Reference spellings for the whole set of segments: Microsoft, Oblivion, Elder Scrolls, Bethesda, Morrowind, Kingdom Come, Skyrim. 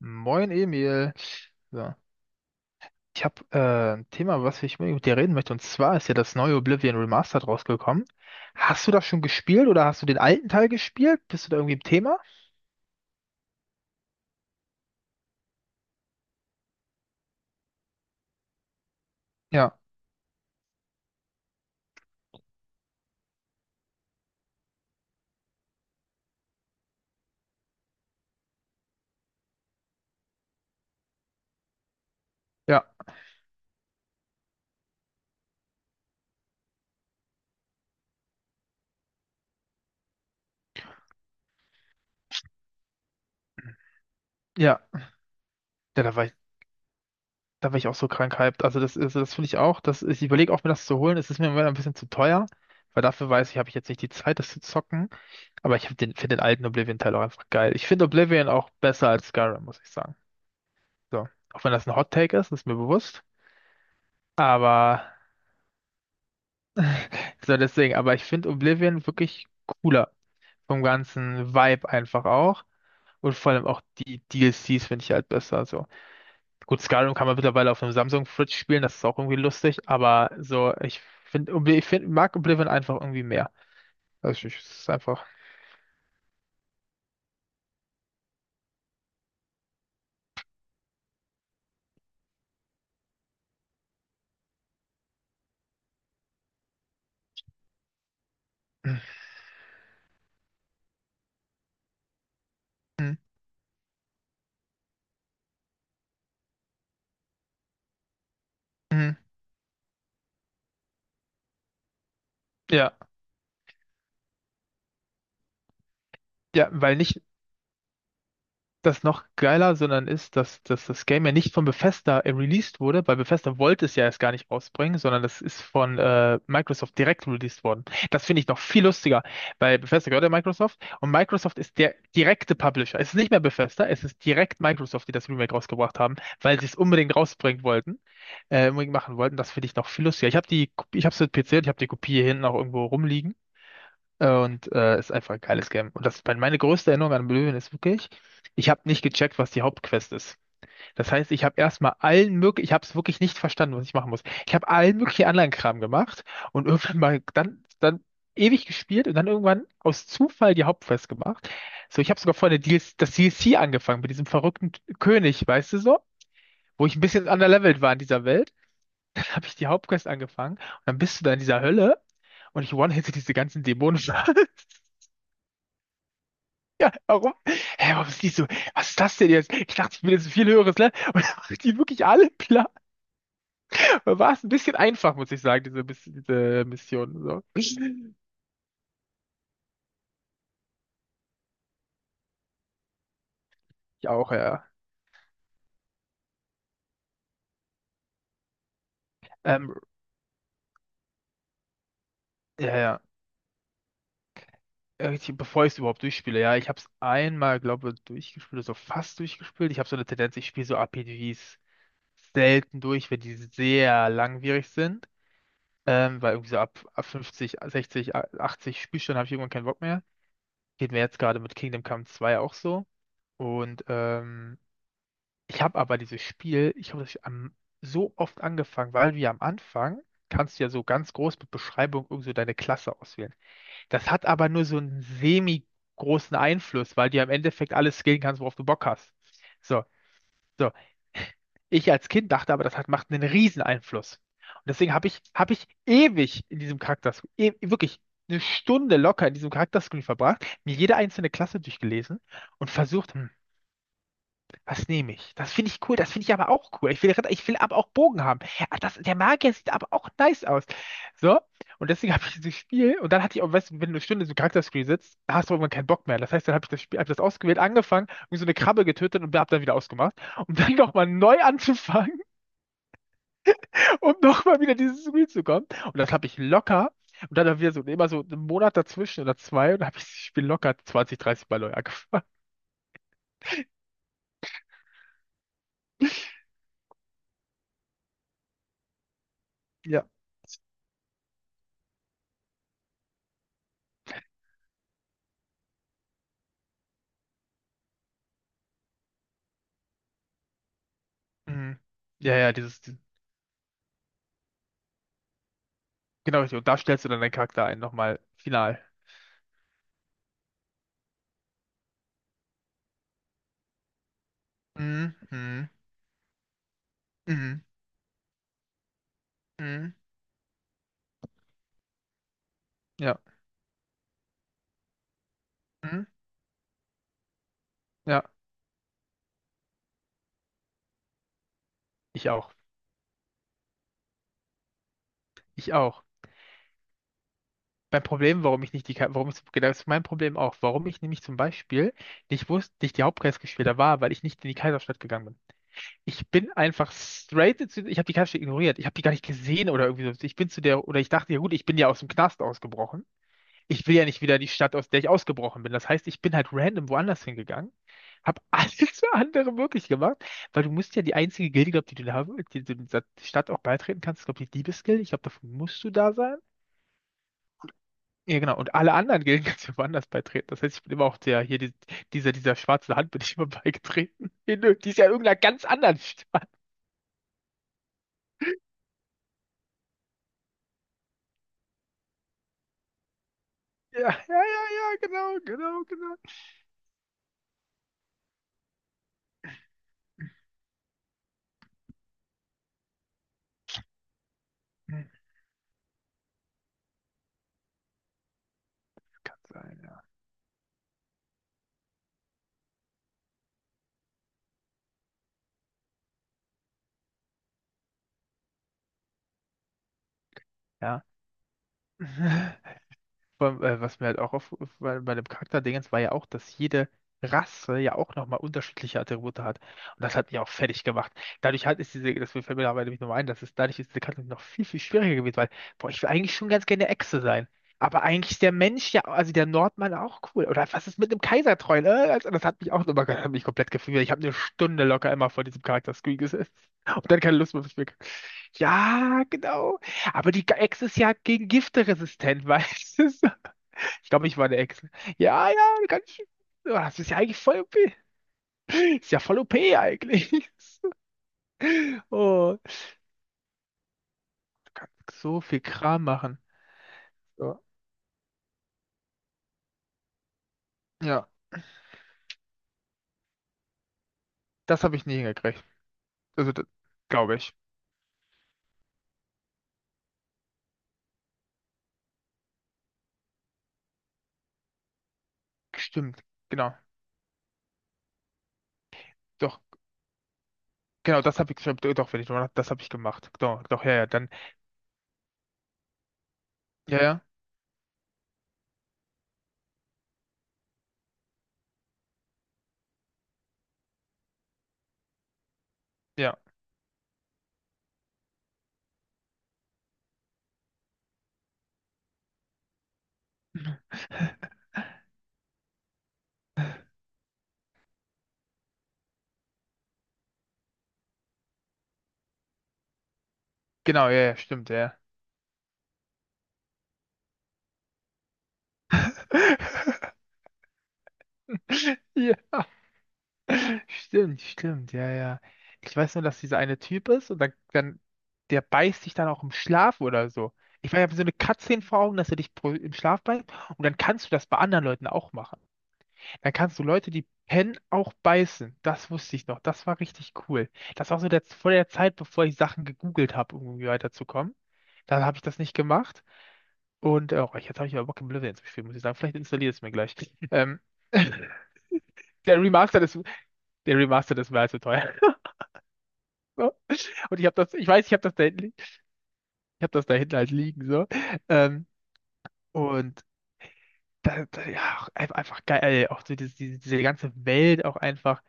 Moin Emil. So. Ich habe ein Thema, was ich mit dir reden möchte. Und zwar ist ja das neue Oblivion Remastered rausgekommen. Hast du das schon gespielt oder hast du den alten Teil gespielt? Bist du da irgendwie im Thema? Ja, ja, ja. Ja, da war ich auch so krank hyped. Also das finde ich auch. Das, ich überlege auch, mir das zu holen. Es ist mir im Moment ein bisschen zu teuer, weil dafür weiß ich, habe ich jetzt nicht die Zeit, das zu zocken. Aber ich hab den, finde den alten Oblivion-Teil auch einfach geil. Ich finde Oblivion auch besser als Skyrim, muss ich sagen. So. Auch wenn das ein Hot Take ist, ist mir bewusst. Aber so, deswegen, aber ich finde Oblivion wirklich cooler. Vom ganzen Vibe einfach auch. Und vor allem auch die DLCs finde ich halt besser. So. Gut, Skyrim kann man mittlerweile auf einem Samsung-Fridge spielen, das ist auch irgendwie lustig, aber so, ich finde, ich find, mag Oblivion einfach irgendwie mehr. Also ich, es ist einfach. Mhm. Mhm. Ja, ja, weil nicht das noch geiler, sondern ist, dass das Game ja nicht von Bethesda released wurde, weil Bethesda wollte es ja erst gar nicht rausbringen, sondern das ist von Microsoft direkt released worden. Das finde ich noch viel lustiger, weil Bethesda gehört ja Microsoft und Microsoft ist der direkte Publisher. Es ist nicht mehr Bethesda, es ist direkt Microsoft, die das Remake rausgebracht haben, weil sie es unbedingt rausbringen wollten, unbedingt machen wollten. Das finde ich noch viel lustiger. Ich habe die, ich habe es mit PC und ich habe die Kopie hier hinten auch irgendwo rumliegen. Und ist einfach ein geiles Game. Und das, meine größte Erinnerung an Oblivion ist wirklich, ich habe nicht gecheckt, was die Hauptquest ist. Das heißt, ich habe erstmal allen möglichen, ich habe es wirklich nicht verstanden, was ich machen muss. Ich habe allen möglichen anderen Kram gemacht und irgendwann mal dann, dann ewig gespielt und dann irgendwann aus Zufall die Hauptquest gemacht. So, ich habe sogar vorher das DLC angefangen mit diesem verrückten König, weißt du so? Wo ich ein bisschen underlevelt war in dieser Welt, habe ich die Hauptquest angefangen und dann bist du da in dieser Hölle und ich one-hitte diese ganzen Dämonen. Ja, warum? Hä, warum ist die so? Was ist das denn jetzt? Ich dachte, ich will jetzt ein viel höheres Level. Und dann macht die wirklich alle klar. War es ein bisschen einfach, muss ich sagen, diese Mission. So. Ich auch, ja. Ähm, ja, ja. Bevor ich es überhaupt durchspiele, ja, ich habe es einmal, glaube ich, durchgespielt, so fast durchgespielt. Ich habe so eine Tendenz, ich spiele so RPGs selten durch, wenn die sehr langwierig sind. Weil irgendwie so ab 50, 60, 80 Spielstunden habe ich irgendwann keinen Bock mehr. Geht mir jetzt gerade mit Kingdom Come 2 auch so. Und ich habe aber dieses Spiel, ich habe das am, so oft angefangen, weil wir am Anfang kannst du ja so ganz groß mit Beschreibung irgend so deine Klasse auswählen. Das hat aber nur so einen semi-großen Einfluss, weil du ja im Endeffekt alles skillen kannst, worauf du Bock hast. So, so, ich als Kind dachte aber, das hat, macht einen riesen Einfluss. Und deswegen habe ich ewig in diesem Charakter, e wirklich eine Stunde locker in diesem Charakterscreen verbracht, mir jede einzelne Klasse durchgelesen und versucht, hm, was nehme ich? Das finde ich cool. Das finde ich aber auch cool. Ich will, ich will aber auch Bogen haben. Ach, das, der Magier sieht aber auch nice aus. So, und deswegen habe ich dieses Spiel. Und dann hatte ich auch, weißt du, wenn du eine Stunde so Charakterscreen sitzt, dann hast du irgendwann keinen Bock mehr. Das heißt, dann habe ich das Spiel, habe das ausgewählt, angefangen, irgendwie so eine Krabbe getötet und habe dann wieder ausgemacht, um dann nochmal neu anzufangen, um nochmal wieder dieses Spiel zu kommen. Und das habe ich locker. Und dann wieder so immer so einen Monat dazwischen oder zwei. Und dann habe ich das Spiel locker 20, 30 Mal neu angefangen. Ja. Mhm. Ja, ja, dieses, genau, richtig. Und da stellst du dann deinen Charakter ein, nochmal final. Mhm, mhm, mhm, mhm, ja, mhm, ja, ich auch. Ich auch. Mein Problem, warum ich nicht die, warum ich, genau, das ist mein Problem auch, warum ich nämlich zum Beispiel nicht wusste, nicht die Hauptquest gespielt habe, war, weil ich nicht in die Kaiserstadt gegangen bin. Ich bin einfach straight zu, ich habe die Kaiserstadt ignoriert. Ich habe die gar nicht gesehen oder irgendwie so. Ich bin zu der, oder ich dachte, ja gut, ich bin ja aus dem Knast ausgebrochen. Ich will ja nicht wieder in die Stadt, aus der ich ausgebrochen bin. Das heißt, ich bin halt random woanders hingegangen, habe alles andere möglich gemacht, weil du musst ja die einzige Gilde, glaub, die du da, die du in dieser Stadt auch beitreten kannst, glaube ich, die Diebesgilde. Ich glaube, davon musst du da sein. Ja, genau. Und alle anderen Gilden kannst du woanders beitreten. Das heißt, ich bin immer auch der, hier, die, dieser schwarze Hand bin ich immer beigetreten. In, die ist ja in irgendeiner ganz anderen Stadt. Ja, ja, ja, ja, genau, genau, genau. Hm, kann sein. Ja. Ja. Vor allem, was mir halt auch auf, bei, bei dem Charakterdingens war ja auch, dass jede Rasse ja auch nochmal unterschiedliche Attribute hat. Und das hat mich auch fertig gemacht. Dadurch halt ist diese, das fällt mir dabei nämlich nochmal ein, dass es dadurch ist diese Karte noch viel, viel schwieriger gewesen, weil, boah, ich will eigentlich schon ganz gerne Echse sein. Aber eigentlich ist der Mensch ja, also der Nordmann auch cool. Oder was ist mit dem Kaisertreu? Ne? Also das hat mich auch nochmal, hat mich komplett gefühlt. Ich habe eine Stunde locker immer vor diesem Charakter-Screen gesessen. Und dann keine Lust mehr aufs Spiel. Ja, genau. Aber die Echse ist ja gegen Gifte resistent, weißt du? Ich glaube, ich war der Ex. Ja, ja, ganz schön. Oh, das ist ja eigentlich voll OP. Ist ja voll OP eigentlich. Oh, du kannst so viel Kram machen. So. Ja, das habe ich nie hingekriegt. Also, glaube ich. Stimmt, genau. Doch, genau, das habe ich, stimmt, doch, wenn ich drüber nach, das habe ich gemacht. Doch, doch, ja, ja, dann, ja, ja, ja. Genau, ja, ja, stimmt, ja. Ja. Stimmt, stimmt, ja, ja. Ich weiß nur, dass dieser eine Typ ist und dann der beißt dich dann auch im Schlaf oder so. Ich meine, ich habe so eine Cutscene vor Augen, dass er dich im Schlaf beißt und dann kannst du das bei anderen Leuten auch machen. Dann kannst du Leute, die pennen, auch beißen. Das wusste ich noch. Das war richtig cool. Das war so der, vor der Zeit, bevor ich Sachen gegoogelt habe, um irgendwie weiterzukommen. Dann habe ich das nicht gemacht. Und oh, jetzt habe ich aber Bock, Oblivion zu spielen, muss ich sagen. Vielleicht installiere ich es mir gleich. Ähm, der Remastered ist, der Remastered ist mir allzu teuer. Und ich habe das, ich weiß, ich habe das da hinten halt liegen, so. Ähm, und da, da, ja, auch einfach geil, auch so diese, diese, diese ganze Welt auch einfach.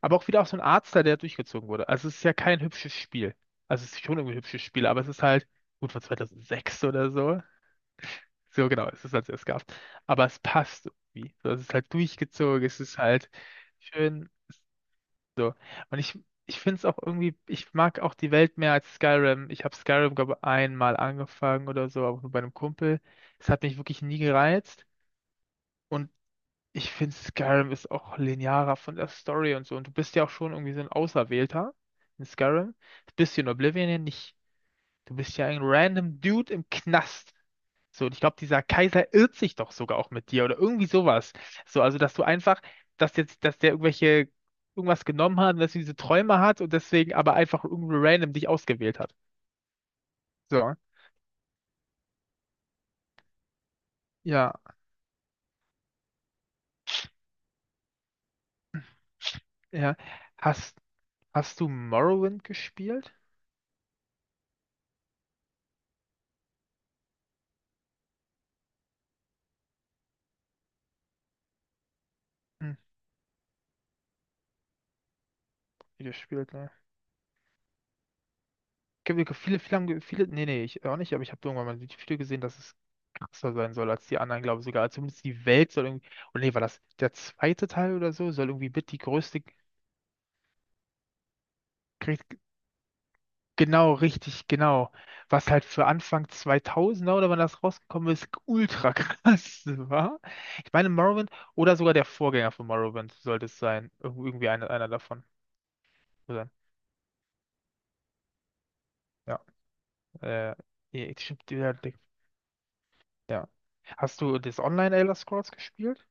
Aber auch wieder auch so ein Artstyle, der durchgezogen wurde. Also es ist ja kein hübsches Spiel. Also es ist schon irgendwie ein hübsches Spiel, aber es ist halt gut von 2006 oder so. So genau, es ist als es gab. Aber es passt irgendwie. So, es ist halt durchgezogen, es ist halt schön. So. Und ich finde es auch irgendwie, ich mag auch die Welt mehr als Skyrim. Ich habe Skyrim, glaube ich, einmal angefangen oder so, aber nur bei einem Kumpel. Es hat mich wirklich nie gereizt. Und ich finde, Skyrim ist auch linearer von der Story und so. Und du bist ja auch schon irgendwie so ein Auserwählter in Skyrim. Das bist du in Oblivion ja nicht. Du bist ja ein random Dude im Knast. So, und ich glaube, dieser Kaiser irrt sich doch sogar auch mit dir oder irgendwie sowas. So, also dass du einfach, dass jetzt, dass der irgendwelche irgendwas genommen hat, und dass er diese Träume hat und deswegen aber einfach irgendwie random dich ausgewählt hat. So, ja, ja. Hast, hast du Morrowind gespielt? Hm, nie gespielt, ne? Viele, viele haben, viele, nee, nee, ich auch nicht, aber ich habe irgendwann mal ein Video gesehen, dass es krasser sein soll als die anderen, glaube ich sogar. Zumindest die Welt soll irgendwie, oder nee, war das der zweite Teil oder so, soll irgendwie mit die größte genau, richtig, genau. Was halt für Anfang 2000 oder wann das rausgekommen ist, ultra krass war. Ich meine, Morrowind oder sogar der Vorgänger von Morrowind sollte es sein. Irgendwie einer, einer davon. Sein. Ja. Äh, ja, stimmt, ja. Ja. Hast du das Online Elder Scrolls gespielt?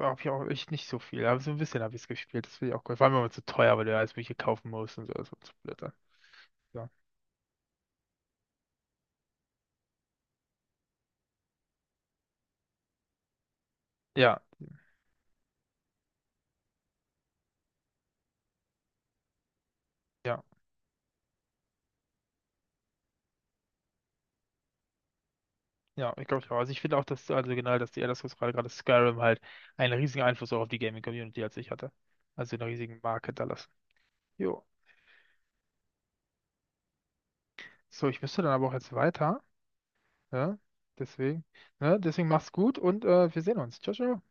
Hab ich auch echt nicht so viel, aber so ein bisschen habe ich es gespielt. Das finde ich auch cool. Vor allem, wenn man zu teuer, weil du ja alles Mögliche kaufen musst und so. Das war zu blöd dann. Ja, ja, ja. Ja, ich glaube, auch. Also ich finde auch, dass, also genau, dass die Elder Scrolls gerade, gerade Skyrim halt einen riesigen Einfluss auch auf die Gaming-Community als ich hatte. Also einen riesigen Mark hinterlassen. Jo. So, ich müsste dann aber auch jetzt weiter. Ja, deswegen, ne, deswegen mach's gut und wir sehen uns. Ciao, ciao.